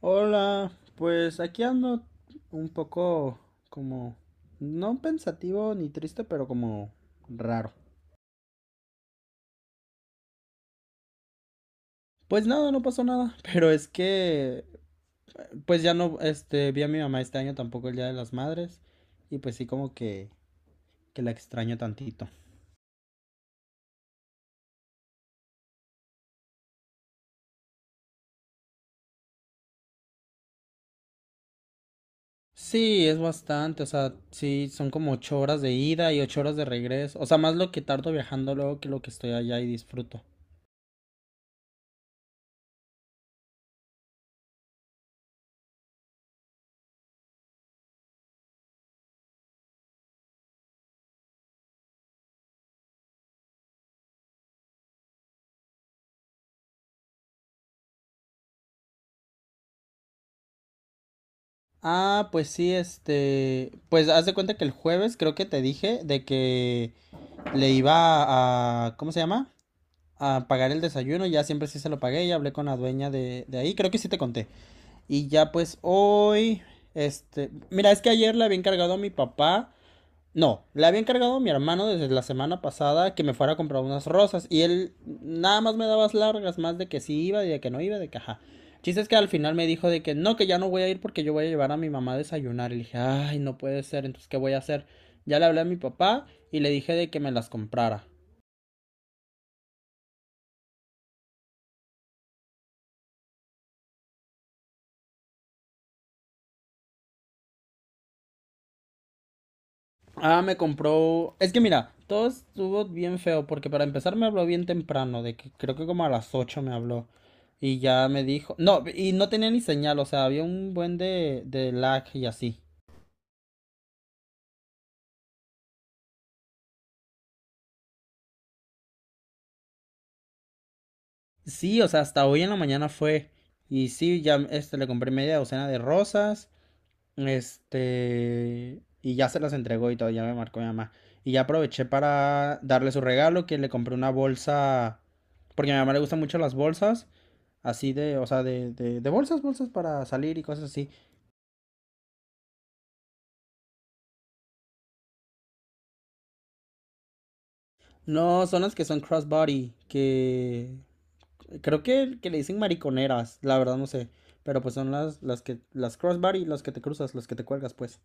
Hola, pues aquí ando un poco como, no pensativo ni triste, pero como raro. Pues nada, no pasó nada, pero es que, pues ya no, este, vi a mi mamá este año tampoco el Día de las Madres y pues sí como que la extraño tantito. Sí, es bastante, o sea, sí, son como 8 horas de ida y 8 horas de regreso, o sea, más lo que tardo viajando luego que lo que estoy allá y disfruto. Ah, pues sí, este, pues haz de cuenta que el jueves creo que te dije de que le iba a, ¿cómo se llama? A pagar el desayuno, ya siempre sí se lo pagué, ya hablé con la dueña de ahí, creo que sí te conté. Y ya pues hoy, este, mira, es que ayer le había encargado a mi papá no, le había encargado a mi hermano desde la semana pasada que me fuera a comprar unas rosas y él nada más me daba las largas, más de que sí iba y de que no iba, de que ajá. El chiste es que al final me dijo de que no, que ya no voy a ir porque yo voy a llevar a mi mamá a desayunar. Y le dije, ay, no puede ser, entonces ¿qué voy a hacer? Ya le hablé a mi papá y le dije de que me las comprara. Ah, me compró. Es que mira, todo estuvo bien feo porque para empezar me habló bien temprano, de que creo que como a las 8 me habló. Y ya me dijo. No, y no tenía ni señal, o sea, había un buen de lag y así. Sí, o sea, hasta hoy en la mañana fue. Y sí, ya este, le compré media docena de rosas. Este, y ya se las entregó y todo, ya me marcó mi mamá. Y ya aproveché para darle su regalo, que le compré una bolsa, porque a mi mamá le gustan mucho las bolsas, así de, o sea, de bolsas, bolsas para salir y cosas así. No, son las que son crossbody, que creo que le dicen mariconeras, la verdad no sé. Pero pues son las, que, las crossbody, las que te cruzas, las que te cuelgas, pues.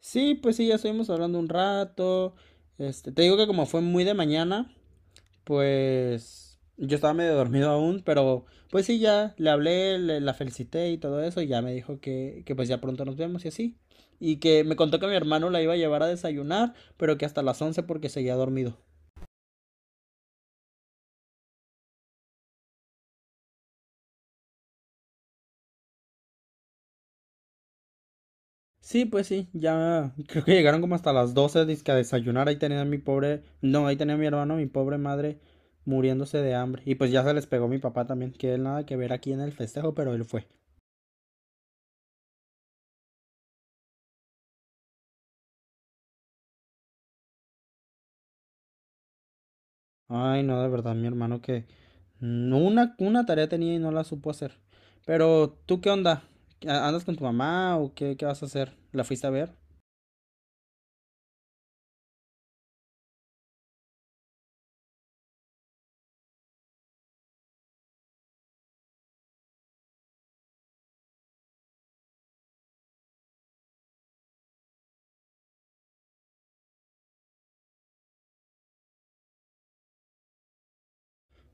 Sí, pues sí, ya estuvimos hablando un rato. Este, te digo que como fue muy de mañana, pues yo estaba medio dormido aún, pero pues sí, ya le hablé, la felicité y todo eso, y ya me dijo que pues ya pronto nos vemos y así. Y que me contó que mi hermano la iba a llevar a desayunar, pero que hasta las 11 porque seguía dormido. Sí, pues sí, ya creo que llegaron como hasta las 12 dizque a desayunar, ahí tenía a mi pobre, no, ahí tenía a mi hermano, mi pobre madre muriéndose de hambre. Y pues ya se les pegó mi papá también, que él nada que ver aquí en el festejo, pero él fue. Ay, no, de verdad, mi hermano que no, una tarea tenía y no la supo hacer. Pero, ¿tú qué onda? ¿Andas con tu mamá o qué, qué vas a hacer? ¿La fuiste a ver?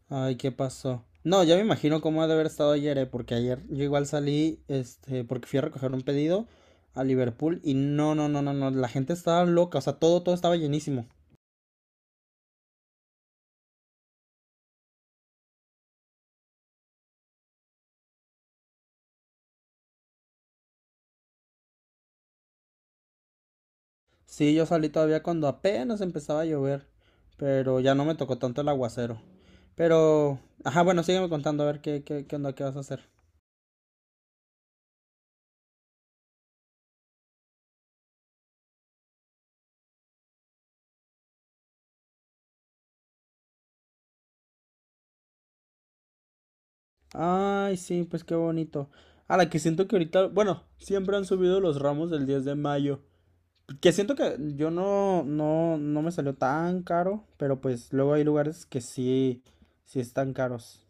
Ay, ¿qué pasó? No, ya me imagino cómo ha de haber estado ayer, porque ayer yo igual salí, este, porque fui a recoger un pedido a Liverpool y no, no, no, no, no, la gente estaba loca, o sea, todo, todo estaba llenísimo. Sí, yo salí todavía cuando apenas empezaba a llover, pero ya no me tocó tanto el aguacero. Pero, ajá, bueno, sígueme contando a ver qué, qué onda, qué vas a hacer. Ay, sí, pues qué bonito. A la que siento que ahorita, bueno, siempre han subido los ramos del 10 de mayo. Que siento que yo no, no, no me salió tan caro, pero pues luego hay lugares que sí, sí están caros.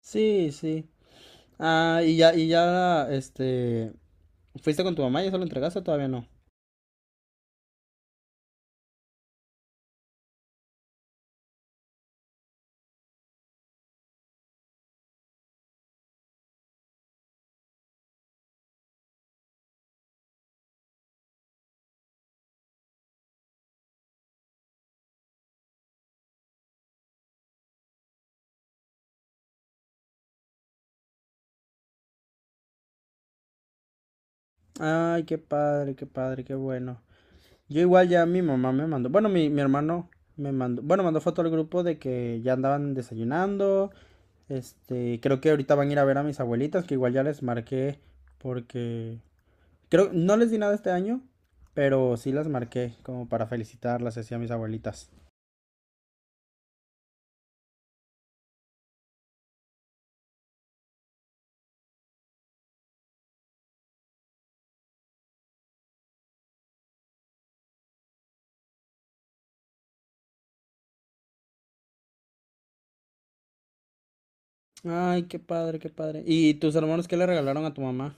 Sí, sí. Ah, y ya, este, ¿fuiste con tu mamá y eso lo entregaste o todavía no? Ay, qué padre, qué padre, qué bueno. Yo igual ya mi mamá me mandó, bueno, mi hermano me mandó, bueno, mandó foto al grupo de que ya andaban desayunando. Este, creo que ahorita van a ir a ver a mis abuelitas, que igual ya les marqué porque creo no les di nada este año, pero sí las marqué como para felicitarlas así a mis abuelitas. Ay, qué padre, qué padre. ¿Y tus hermanos qué le regalaron a tu mamá?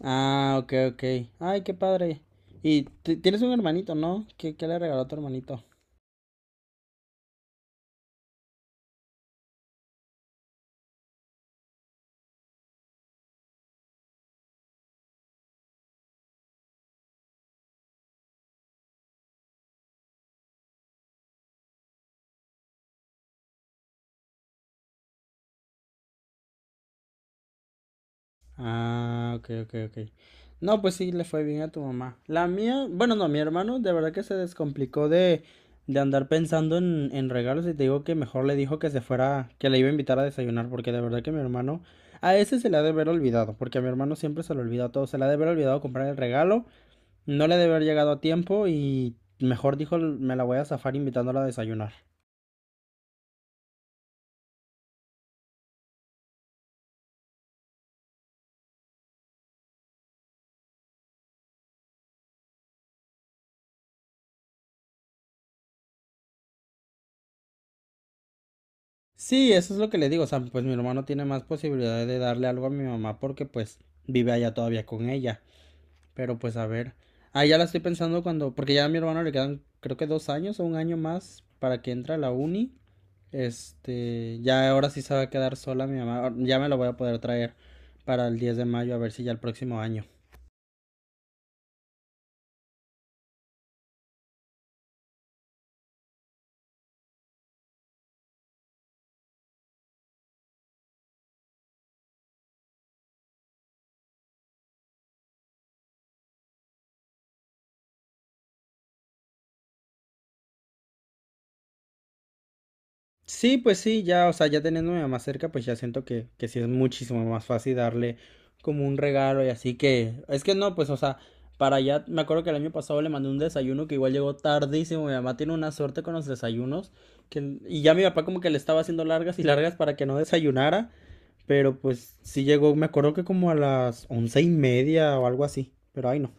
Ah, ok, ok. Ay, qué padre. Y tienes un hermanito, ¿no? ¿Qué le regaló a tu hermanito? Ah, ok, ok, ok. No, pues sí, le fue bien a tu mamá. La mía, bueno, no, mi hermano de verdad que se descomplicó de andar pensando en regalos y te digo que mejor le dijo que se fuera, que le iba a invitar a desayunar, porque de verdad que mi hermano, a ese se le ha de haber olvidado, porque a mi hermano siempre se le olvida todo, se le ha de haber olvidado comprar el regalo, no le ha de haber llegado a tiempo y mejor dijo, me la voy a zafar invitándola a desayunar. Sí, eso es lo que le digo, o sea, pues mi hermano tiene más posibilidades de darle algo a mi mamá porque pues vive allá todavía con ella. Pero pues a ver. Ah, ya la estoy pensando cuando, porque ya a mi hermano le quedan creo que 2 años o un año más para que entre a la uni. Este, ya ahora sí se va a quedar sola mi mamá. Ya me la voy a poder traer para el 10 de mayo a ver si ya el próximo año. Sí, pues sí, ya, o sea, ya teniendo a mi mamá cerca, pues ya siento que sí es muchísimo más fácil darle como un regalo y así que, es que no, pues, o sea, para allá, me acuerdo que el año pasado le mandé un desayuno que igual llegó tardísimo, mi mamá tiene una suerte con los desayunos, que, y ya mi papá como que le estaba haciendo largas y largas para que no desayunara, pero pues sí llegó, me acuerdo que como a las 11:30 o algo así, pero ay no.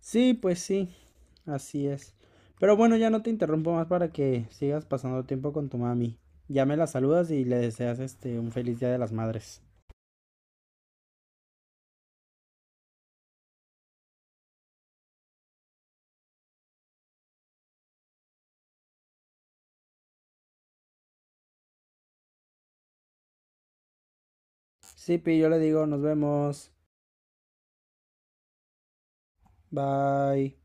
Sí, pues sí. Así es. Pero bueno, ya no te interrumpo más para que sigas pasando tiempo con tu mami. Ya me la saludas y le deseas este un feliz Día de las Madres. Sí, Pi, yo le digo, nos vemos. Bye.